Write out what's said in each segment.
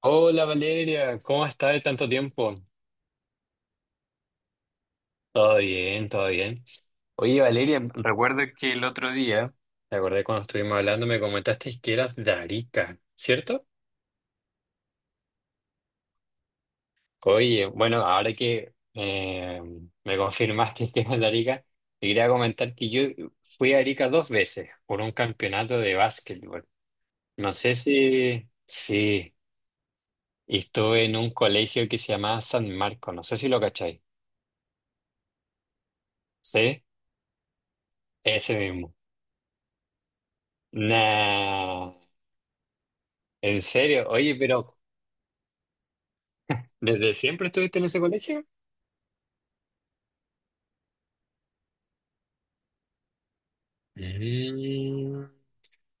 Hola Valeria, ¿cómo estás de tanto tiempo? Todo bien, todo bien. Oye Valeria, recuerdo que el otro día, te acordé cuando estuvimos hablando, me comentaste que eras de Arica, ¿cierto? Oye, bueno, ahora que me confirmaste que eras de Arica, te quería comentar que yo fui a Arica dos veces por un campeonato de básquetbol. No sé si... Sí, y estuve en un colegio que se llamaba San Marco, no sé si lo cacháis. ¿Sí? Ese mismo. Nah, ¿en serio? Oye, pero ¿desde siempre estuviste en ese colegio? Mm.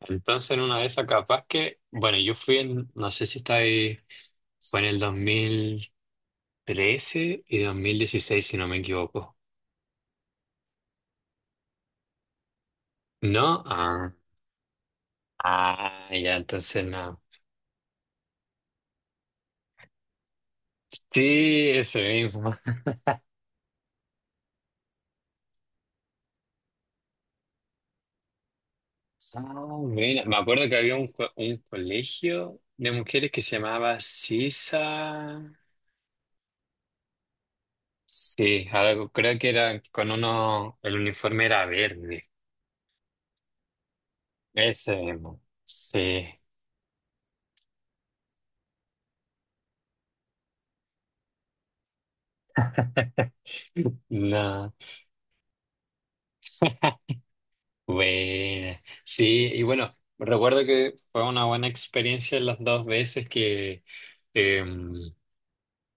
Entonces, en una de esas, capaz que, bueno, yo fui en, no sé si está ahí, fue en el 2013 y 2016 si no me equivoco. ¿No? Ah, ah, ya, entonces no. Sí, ese mismo. Ah, mira, me acuerdo que había un colegio de mujeres que se llamaba Sisa. Sí, algo, creo que era con uno, el uniforme era verde. Ese mismo. Sí. No. Bueno, sí, y bueno, recuerdo que fue una buena experiencia las dos veces que, eh,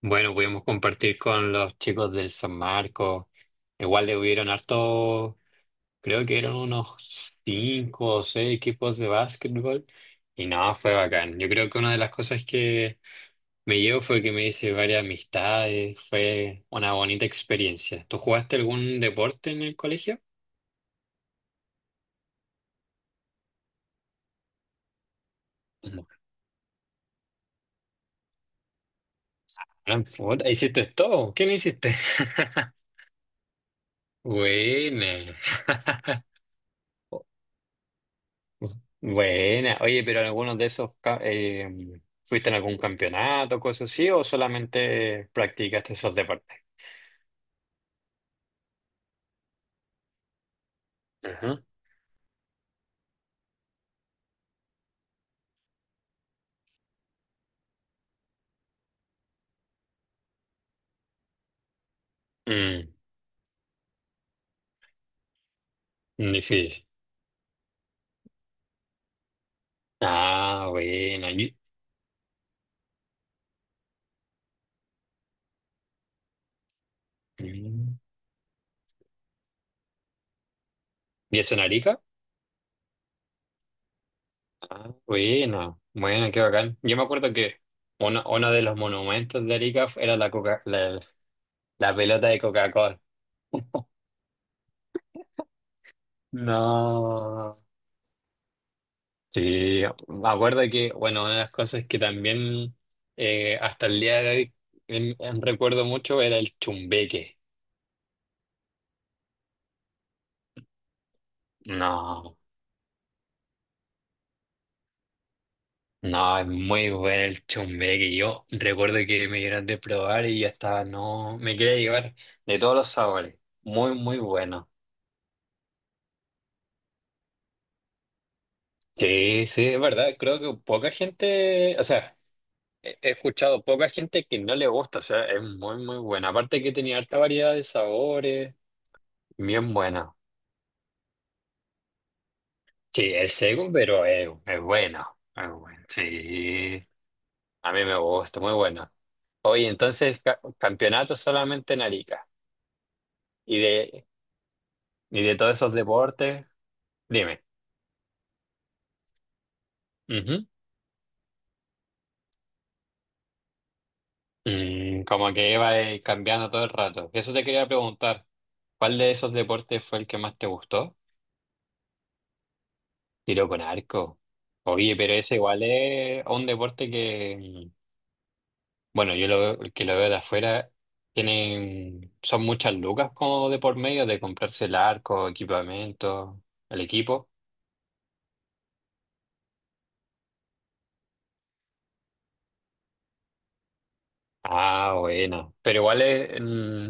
bueno, pudimos compartir con los chicos del San Marcos. Igual le hubieron harto, creo que eran unos cinco o seis equipos de básquetbol. Y no, fue bacán. Yo creo que una de las cosas que me llevo fue que me hice varias amistades, fue una bonita experiencia. ¿Tú jugaste algún deporte en el colegio? No. Ah, puta, ¿hiciste todo? ¿Qué no hiciste? Buena. Buena. Oye, pero algunos de esos ¿fuiste en algún campeonato, cosas así, o solamente practicaste esos deportes? Ajá. Mm, difícil. Ah, buena. ¿Y, mm. ¿Y eso en Arica? Ah, bueno, bueno, qué bacán. Yo me acuerdo que uno de los monumentos de Arica era la pelota de Coca-Cola. No. Sí, me acuerdo que, bueno, una de las cosas que también hasta el día de hoy en recuerdo mucho era el chumbeque. No, no, es muy bueno el chumbeque. Yo recuerdo que me dieron de probar y ya estaba, no, me quería llevar de todos los sabores. Muy, muy bueno. Sí, sí, es verdad. Creo que poca gente, o sea, he escuchado poca gente que no le gusta, o sea, es muy, muy buena. Aparte que tenía harta variedad de sabores, bien buena. Sí, es seco, pero es bueno. Es bueno. Sí, a mí me gusta, muy bueno. Oye, entonces, campeonato solamente en Arica. Y de, y de todos esos deportes, dime. Ujú. Como que iba cambiando todo el rato. Eso te quería preguntar. ¿Cuál de esos deportes fue el que más te gustó? Tiro con arco. Oye, pero ese igual es un deporte que, bueno, que lo veo de afuera, son muchas lucas como de por medio de comprarse el arco, equipamiento, el equipo. Ah, buena. Pero igual es,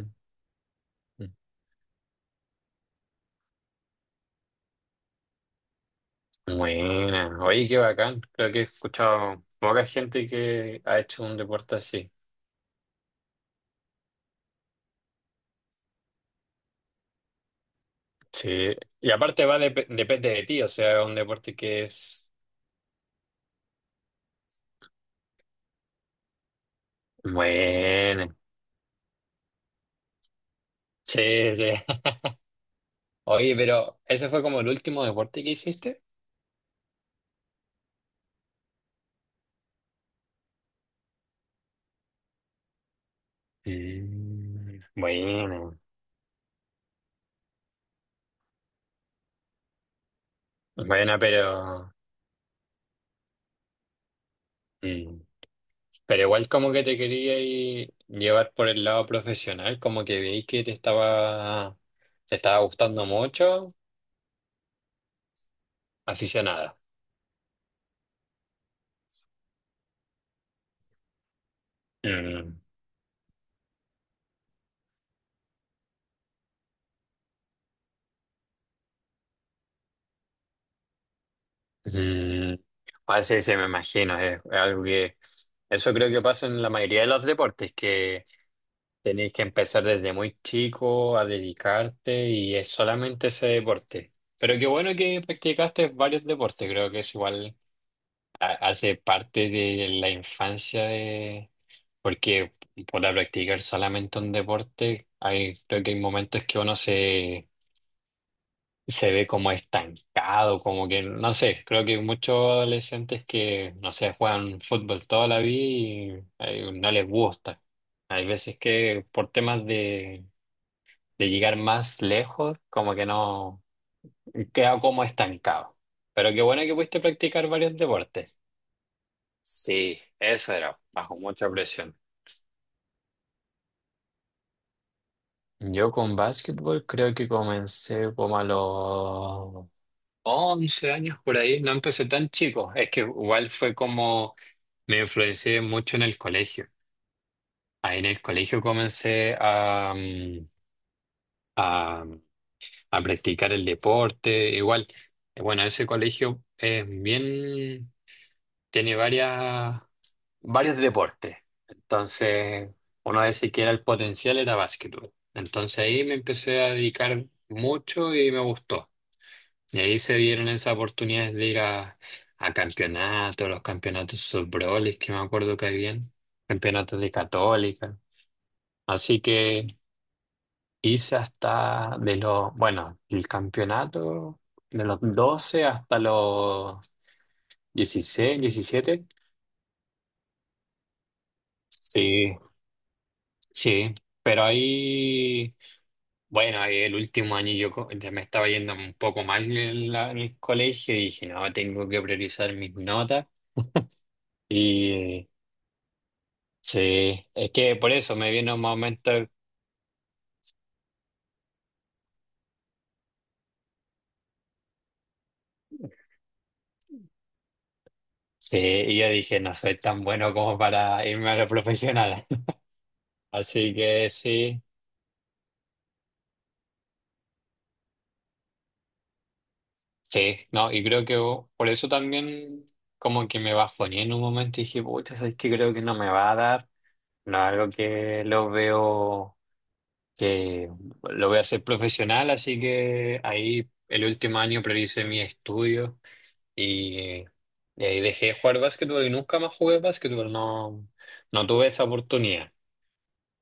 buena. Oye, qué bacán. Creo que he escuchado poca gente que ha hecho un deporte así. Sí. Y aparte depende de ti, o sea, es un deporte que es bueno. Sí, sí. Oye, pero ¿ese fue como el último deporte que hiciste? Bueno, bueno, pero, mm, pero igual como que te quería llevar por el lado profesional, como que veí que te estaba gustando mucho, aficionada. Mm, mm, ah, sí, sí, me imagino, es algo que, eso creo que pasa en la mayoría de los deportes. Tenéis que empezar desde muy chico a dedicarte y es solamente ese deporte. Pero qué bueno que practicaste varios deportes, creo que es igual, hace parte de la infancia de... Porque para practicar solamente un deporte, creo que hay momentos que uno se ve como estancado, como que, no sé, creo que hay muchos adolescentes que, no sé, juegan fútbol toda la vida y no les gusta. Hay veces que por temas de llegar más lejos, como que no, queda como estancado. Pero qué bueno que pudiste practicar varios deportes. Sí, eso era, bajo mucha presión. Yo con básquetbol creo que comencé como a los 11 años por ahí, no empecé tan chico, es que igual fue como me influencié mucho en el colegio. Ahí en el colegio comencé a, a practicar el deporte, igual, bueno, ese colegio es bien, tiene varias, varios deportes. Entonces, uno de que era el potencial era básquetbol. Entonces ahí me empecé a dedicar mucho y me gustó. Y ahí se dieron esas oportunidades de ir a campeonatos, los campeonatos subroles que me acuerdo que habían, campeonatos de Católica. Así que hice hasta de los, bueno, el campeonato de los 12 hasta los 16 17. Sí, sí, pero ahí, bueno, ahí el último año ya me estaba yendo un poco mal en el colegio y dije, no, tengo que priorizar mis notas. Y sí, es que por eso me vino un momento, sí, y yo dije, no soy tan bueno como para irme a la profesional. Así que sí, sí, no, y creo que por eso también como que me bajoné en un momento y dije, pucha, es que creo que no me va a dar, no es algo que lo veo que lo voy a hacer profesional, así que ahí el último año prioricé mi estudio y, y ahí dejé de jugar básquetbol y nunca más jugué básquetbol, no, no tuve esa oportunidad.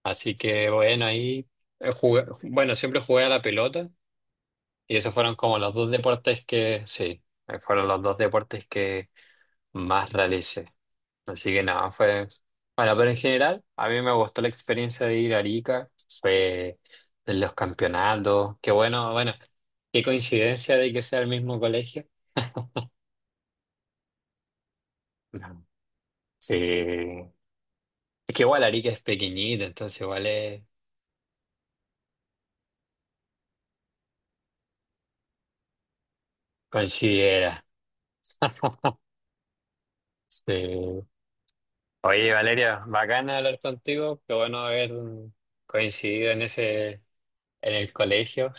Así que bueno, ahí jugué, bueno, siempre jugué a la pelota y esos fueron como los dos deportes que, sí, fueron los dos deportes que más realicé. Así que nada, fue... Bueno, pero en general, a mí me gustó la experiencia de ir a Arica, fue de los campeonatos, qué bueno, bueno, qué coincidencia de que sea el mismo colegio. No. Sí, es que igual Arica es pequeñito, entonces igual es... considera. Sí. Oye, Valeria, bacana hablar contigo, qué bueno haber coincidido en ese, en el colegio.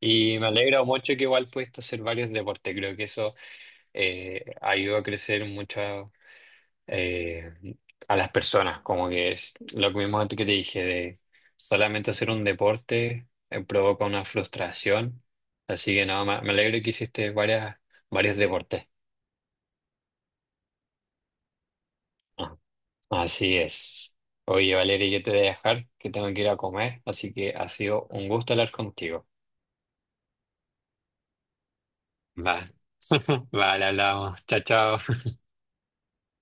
Y me alegro mucho que igual pudiste hacer varios deportes, creo que eso ayuda a crecer mucho eh, a las personas, como que es lo que mismo que te dije, de solamente hacer un deporte provoca una frustración, así que no, me alegro que hiciste varias, varios deportes. Ah, así es. Oye, Valeria, yo te voy a dejar, que tengo que ir a comer, así que ha sido un gusto hablar contigo. Vale, vale, hablamos. Chao, chao.